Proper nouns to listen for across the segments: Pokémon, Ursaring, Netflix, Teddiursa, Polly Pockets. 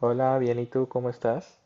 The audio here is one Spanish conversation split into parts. Hola, bien, ¿y tú cómo estás?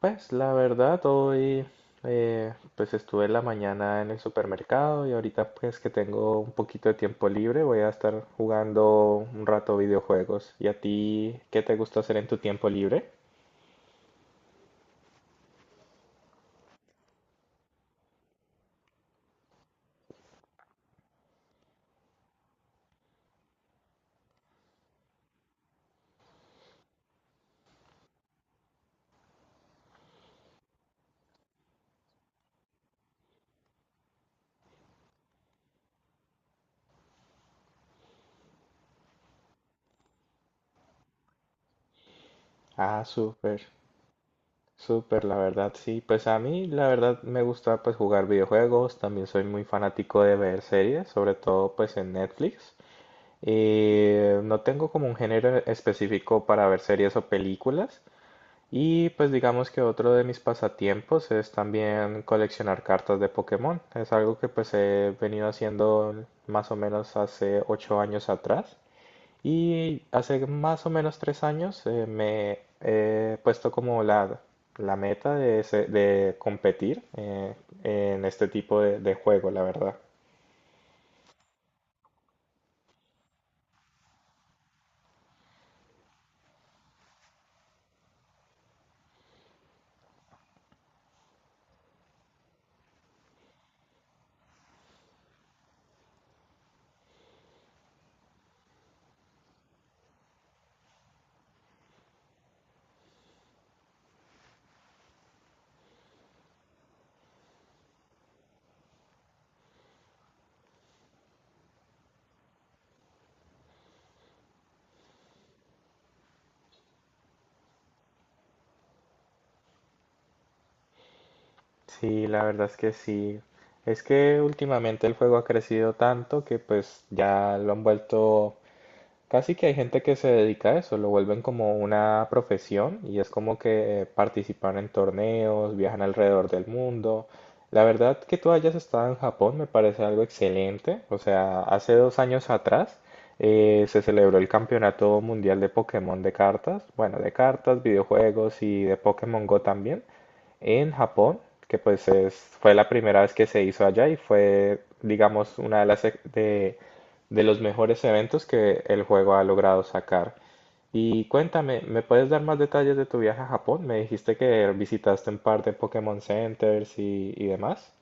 Pues la verdad, hoy pues estuve en la mañana en el supermercado y ahorita pues que tengo un poquito de tiempo libre voy a estar jugando un rato videojuegos. ¿Y a ti qué te gusta hacer en tu tiempo libre? Ah, súper, súper, la verdad, sí. Pues a mí la verdad me gusta pues jugar videojuegos, también soy muy fanático de ver series, sobre todo pues en Netflix. No tengo como un género específico para ver series o películas. Y pues digamos que otro de mis pasatiempos es también coleccionar cartas de Pokémon. Es algo que pues he venido haciendo más o menos hace 8 años atrás. Y hace más o menos 3 años me he puesto como la meta de, de competir en este tipo de juego, la verdad. Sí, la verdad es que sí. Es que últimamente el juego ha crecido tanto que pues ya lo han vuelto. Casi que hay gente que se dedica a eso, lo vuelven como una profesión y es como que participan en torneos, viajan alrededor del mundo. La verdad que tú hayas estado en Japón me parece algo excelente. O sea, hace 2 años atrás se celebró el Campeonato Mundial de Pokémon de cartas, bueno, de cartas, videojuegos y de Pokémon Go también, en Japón, que pues fue la primera vez que se hizo allá y fue, digamos, una de las, de los mejores eventos que el juego ha logrado sacar. Y cuéntame, ¿me puedes dar más detalles de tu viaje a Japón? Me dijiste que visitaste un par de Pokémon Centers y demás.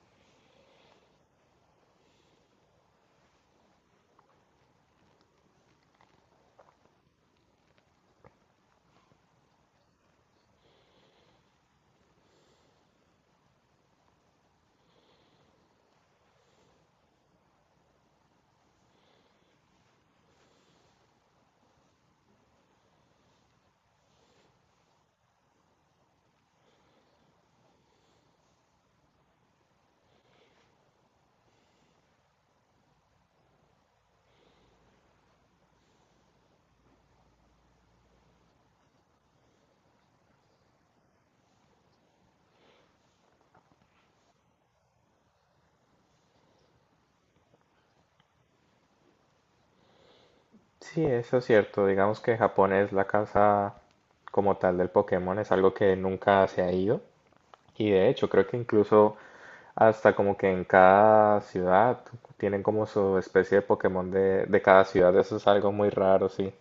Sí, eso es cierto. Digamos que Japón es la casa como tal del Pokémon, es algo que nunca se ha ido. Y de hecho, creo que incluso hasta como que en cada ciudad tienen como su especie de Pokémon de cada ciudad. Eso es algo muy raro, sí.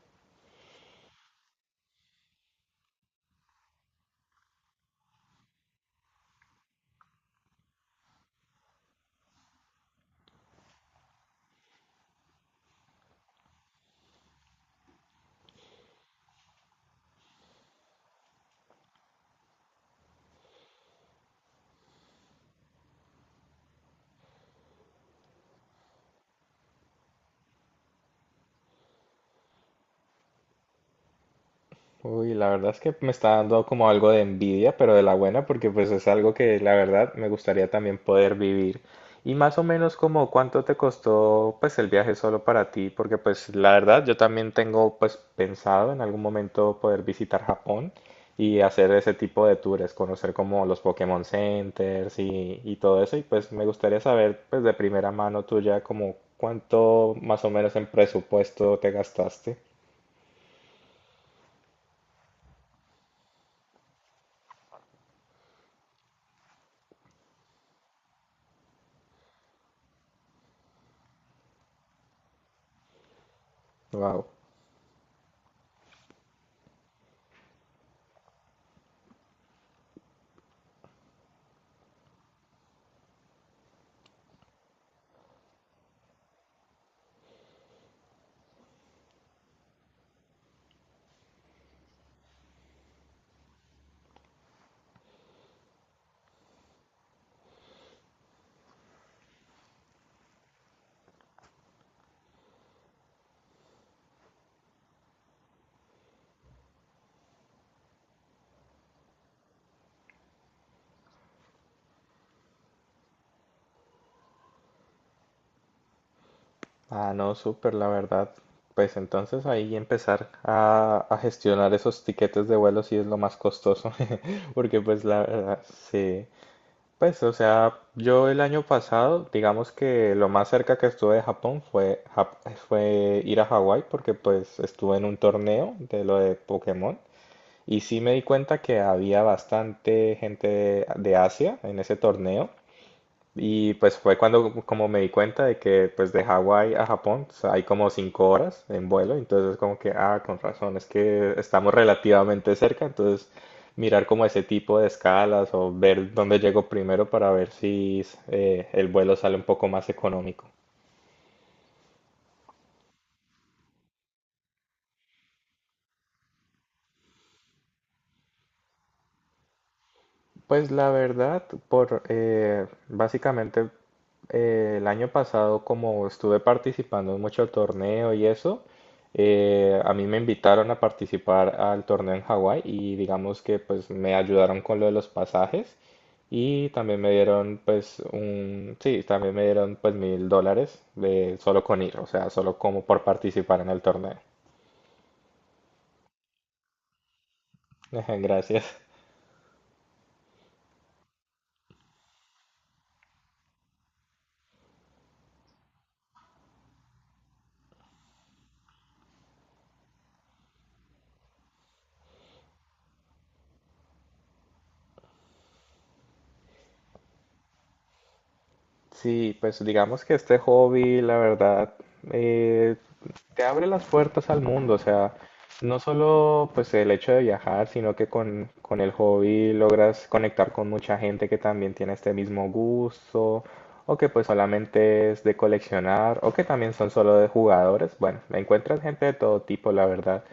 Uy, la verdad es que me está dando como algo de envidia, pero de la buena, porque pues es algo que la verdad me gustaría también poder vivir. Y más o menos como cuánto te costó pues el viaje solo para ti, porque pues la verdad yo también tengo pues pensado en algún momento poder visitar Japón y hacer ese tipo de tours, conocer como los Pokémon Centers y todo eso, y pues me gustaría saber pues de primera mano tuya como cuánto más o menos en presupuesto te gastaste. Wow. Ah, no, súper, la verdad. Pues entonces ahí empezar a gestionar esos tiquetes de vuelo sí es lo más costoso, porque pues la verdad, sí. Pues, o sea, yo el año pasado, digamos que lo más cerca que estuve de Japón fue, fue ir a Hawái, porque pues estuve en un torneo de lo de Pokémon, y sí me di cuenta que había bastante gente de Asia en ese torneo. Y pues fue cuando como me di cuenta de que pues de Hawái a Japón pues, hay como 5 horas en vuelo, entonces como que, ah, con razón, es que estamos relativamente cerca, entonces mirar como ese tipo de escalas o ver dónde llego primero para ver si el vuelo sale un poco más económico. Pues la verdad, por básicamente el año pasado, como estuve participando en mucho torneo y eso, a mí me invitaron a participar al torneo en Hawái y digamos que pues me ayudaron con lo de los pasajes y también me dieron pues un, sí, también me dieron pues $1000 de solo con ir, o sea, solo como por participar en el torneo. Gracias. Sí, pues digamos que este hobby, la verdad, eh, te abre las puertas al mundo, o sea, no solo pues el hecho de viajar, sino que con el hobby logras conectar con mucha gente que también tiene este mismo gusto, o que pues solamente es de coleccionar, o que también son solo de jugadores. Bueno, encuentras gente de todo tipo, la verdad.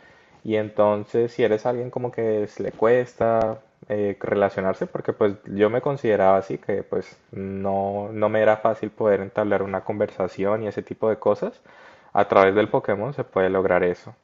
Y entonces, si eres alguien como que le cuesta relacionarse, porque pues yo me consideraba así, que pues no, no me era fácil poder entablar una conversación y ese tipo de cosas, a través del Pokémon se puede lograr eso.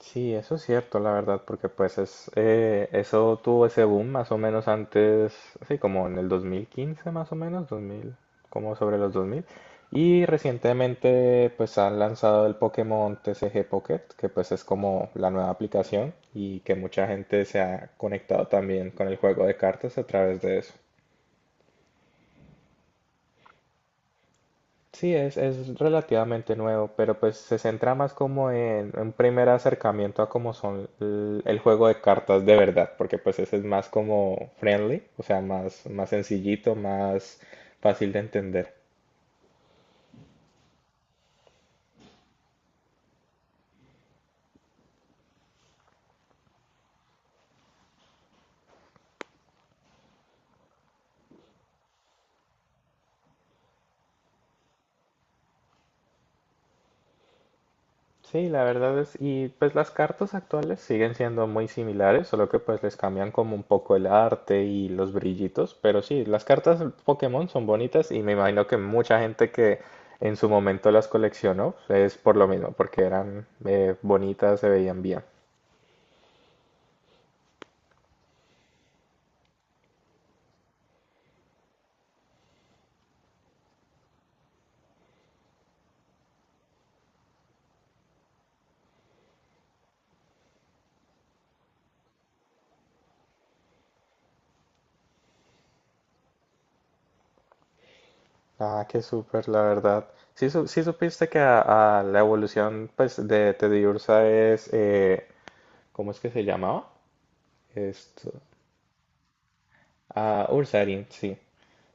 Sí, eso es cierto, la verdad, porque pues es, eso tuvo ese boom más o menos antes, sí, como en el 2015 más o menos, 2000, como sobre los 2000. Y recientemente pues han lanzado el Pokémon TCG Pocket, que pues es como la nueva aplicación y que mucha gente se ha conectado también con el juego de cartas a través de eso. Sí, es relativamente nuevo, pero pues se centra más como en un primer acercamiento a cómo son el, juego de cartas de verdad, porque pues ese es más como friendly, o sea, más, más sencillito, más fácil de entender. Sí, la verdad es, y pues las cartas actuales siguen siendo muy similares, solo que pues les cambian como un poco el arte y los brillitos, pero sí, las cartas Pokémon son bonitas y me imagino que mucha gente que en su momento las coleccionó es por lo mismo, porque eran bonitas, se veían bien. Ah, qué súper, la verdad. Sí, sí supiste que a la evolución pues de Teddiursa es, ¿cómo es que se llamaba? Esto. A Ursaring, sí.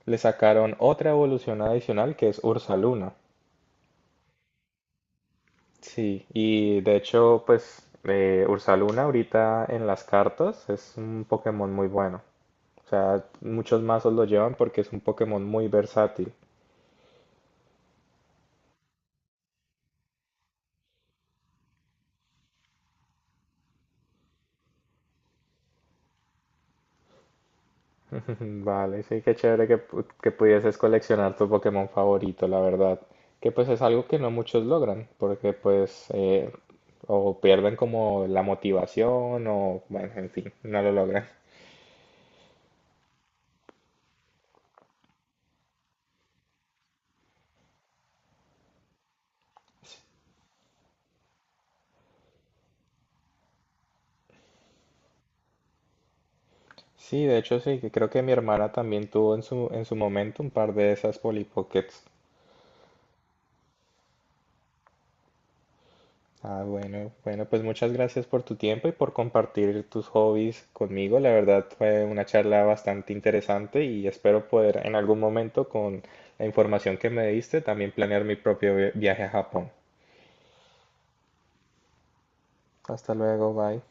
Le sacaron otra evolución adicional que es Ursaluna. Sí, y de hecho, pues Ursaluna ahorita en las cartas es un Pokémon muy bueno. O sea, muchos mazos lo llevan porque es un Pokémon muy versátil. Vale, sí, qué chévere que, que pudieses coleccionar tu Pokémon favorito, la verdad. Que pues es algo que no muchos logran, porque pues o pierden como la motivación o, bueno, en fin, no lo logran. Sí, de hecho sí, que creo que mi hermana también tuvo en su momento un par de esas Polly Pockets. Ah, bueno, bueno, pues muchas gracias por tu tiempo y por compartir tus hobbies conmigo. La verdad fue una charla bastante interesante y espero poder en algún momento con la información que me diste también planear mi propio viaje a Japón. Hasta luego, bye.